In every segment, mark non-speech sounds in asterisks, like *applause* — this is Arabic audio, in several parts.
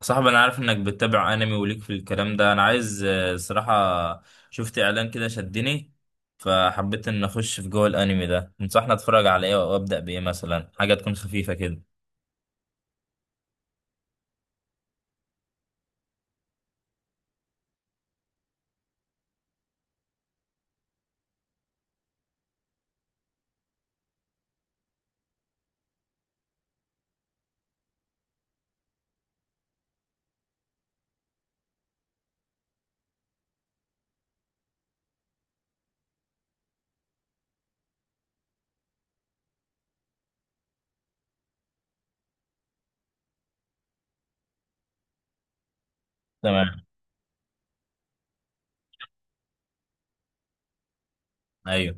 صاحبي انا عارف انك بتتابع انمي وليك في الكلام ده انا عايز صراحة شفت اعلان كده شدني. فحبيت ان اخش في جوه الانمي ده. تنصحني اتفرج على ايه وابدا بايه؟ مثلا حاجة تكون خفيفة كده. تمام، ايوه.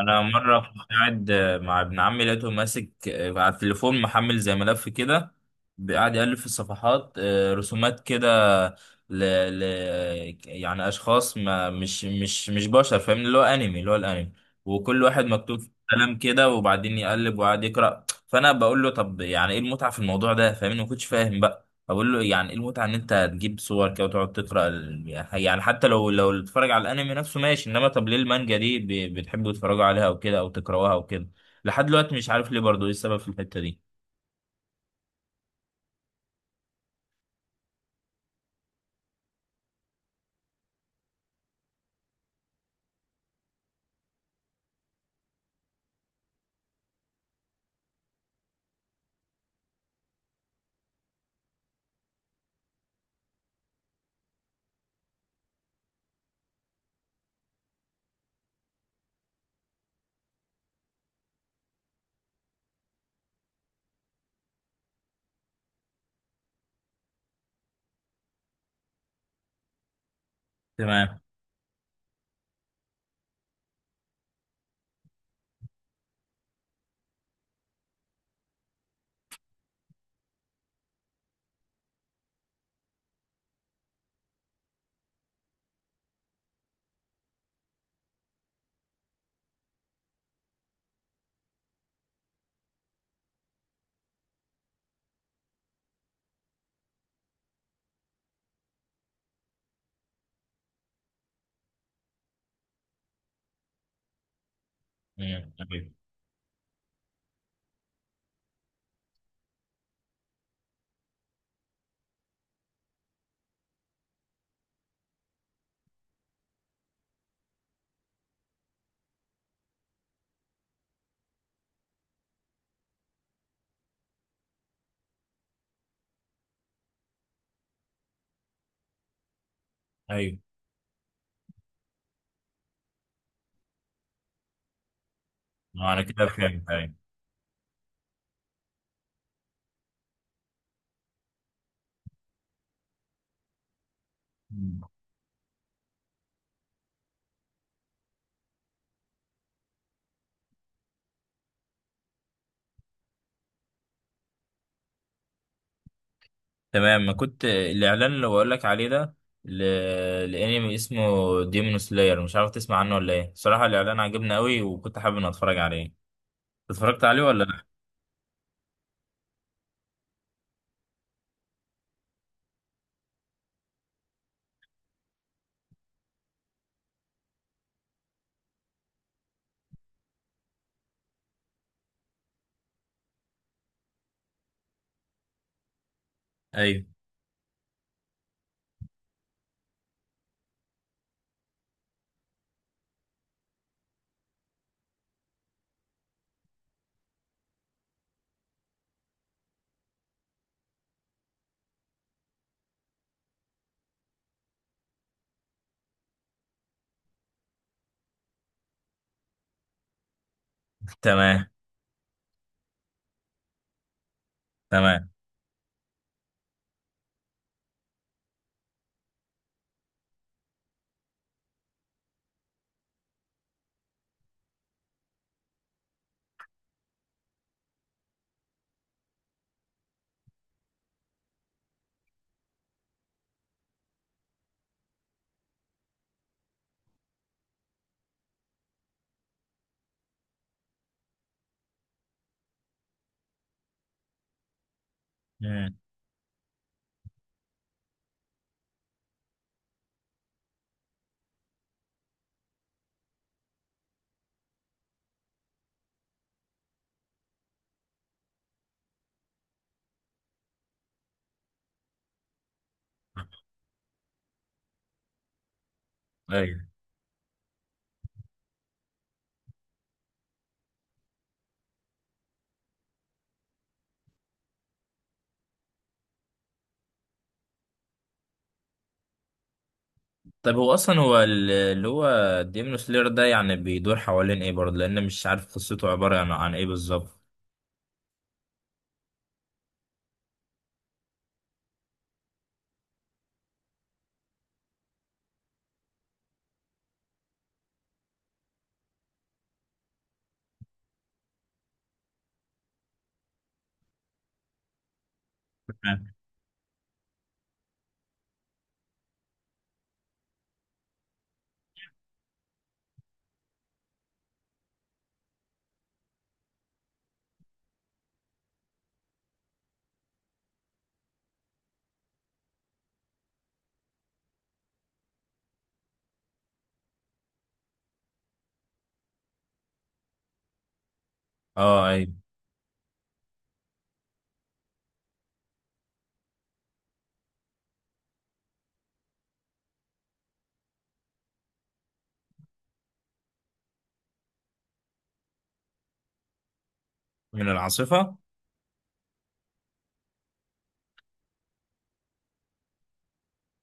انا مره كنت قاعد مع ابن عمي لقيته ماسك على التليفون محمل زي ملف كده، قاعد يألف في الصفحات، رسومات كده، ل... ل... يعني اشخاص ما مش بشر، فاهم؟ اللي هو انمي، اللي هو الانمي، وكل واحد مكتوب فيه كلام كده وبعدين يقلب وقاعد يقرأ. فانا بقول له طب يعني ايه المتعه في الموضوع ده؟ فاهمني؟ ما كنتش فاهم بقى. اقول له يعني ايه المتعه ان انت تجيب صور كده وتقعد تقرا يعني حتى لو تتفرج على الانمي نفسه ماشي، انما طب ليه المانجا دي بتحبوا تتفرجوا عليها او كده او تقراوها او كده؟ لحد دلوقتي مش عارف ليه برضو ايه السبب في الحته دي. تمام. ايوه. ايوه ما انا كده فهمت. ايوه. مم. تمام. ما كنت الاعلان اللي بقول لك عليه ده، ل... الانمي اسمه ديمون سلاير، مش عارف تسمع عنه ولا ايه؟ صراحه الاعلان عجبني قوي وكنت حابب ان اتفرج عليه. اتفرجت عليه ولا لا؟ ايوه. تمام. تمام. مم. ايوه. طيب هو اصلا هو اللي هو ديمون سلير ده يعني بيدور حوالين ايه برضه؟ لان مش عارف قصته عبارة عن، عن ايه بالظبط. *laughs* اه، اي. من العاصفة؟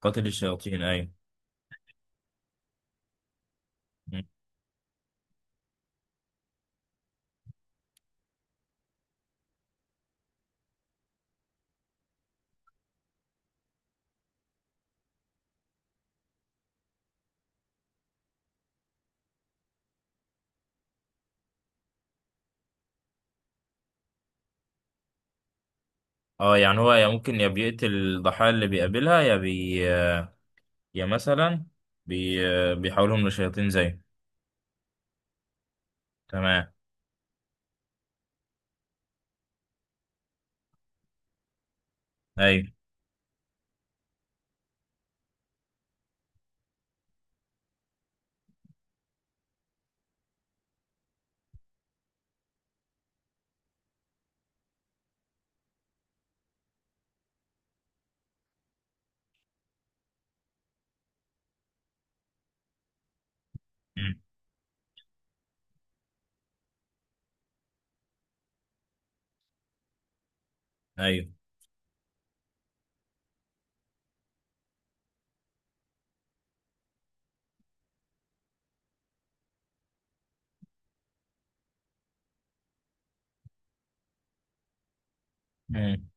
قاتل الشياطين، اي. اه، يعني هو يا ممكن يا بيقتل الضحايا اللي بيقابلها، يا بي يا مثلا بي بيحولهم لشياطين زيه. تمام. ايوه. مم. ايوه. مم.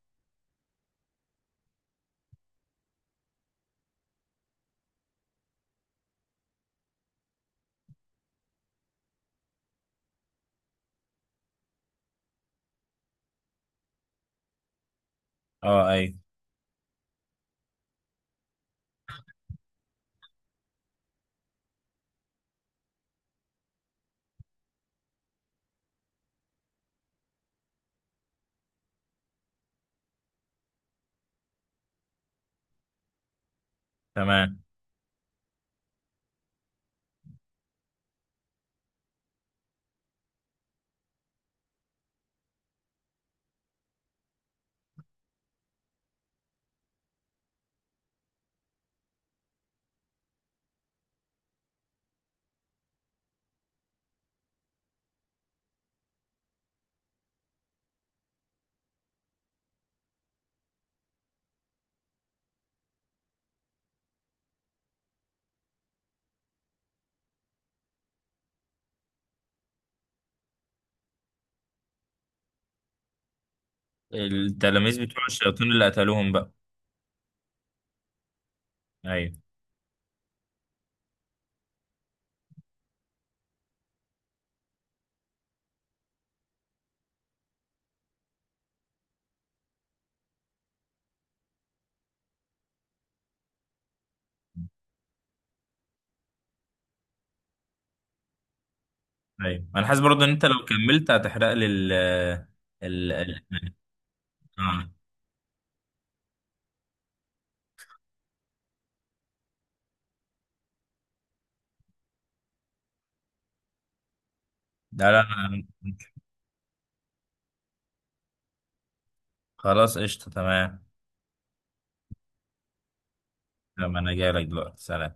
اه، ايوه. تمام. التلاميذ بتوع الشياطين اللي قتلوهم بقى؟ ايوه. ايوه، انا حاسس برضه ان انت لو كملت هتحرق لي ال ال- آه. لا، لا، لا. خلاص، قشطة. تمام. تمام، انا جاي لك دلوقتي. سلام.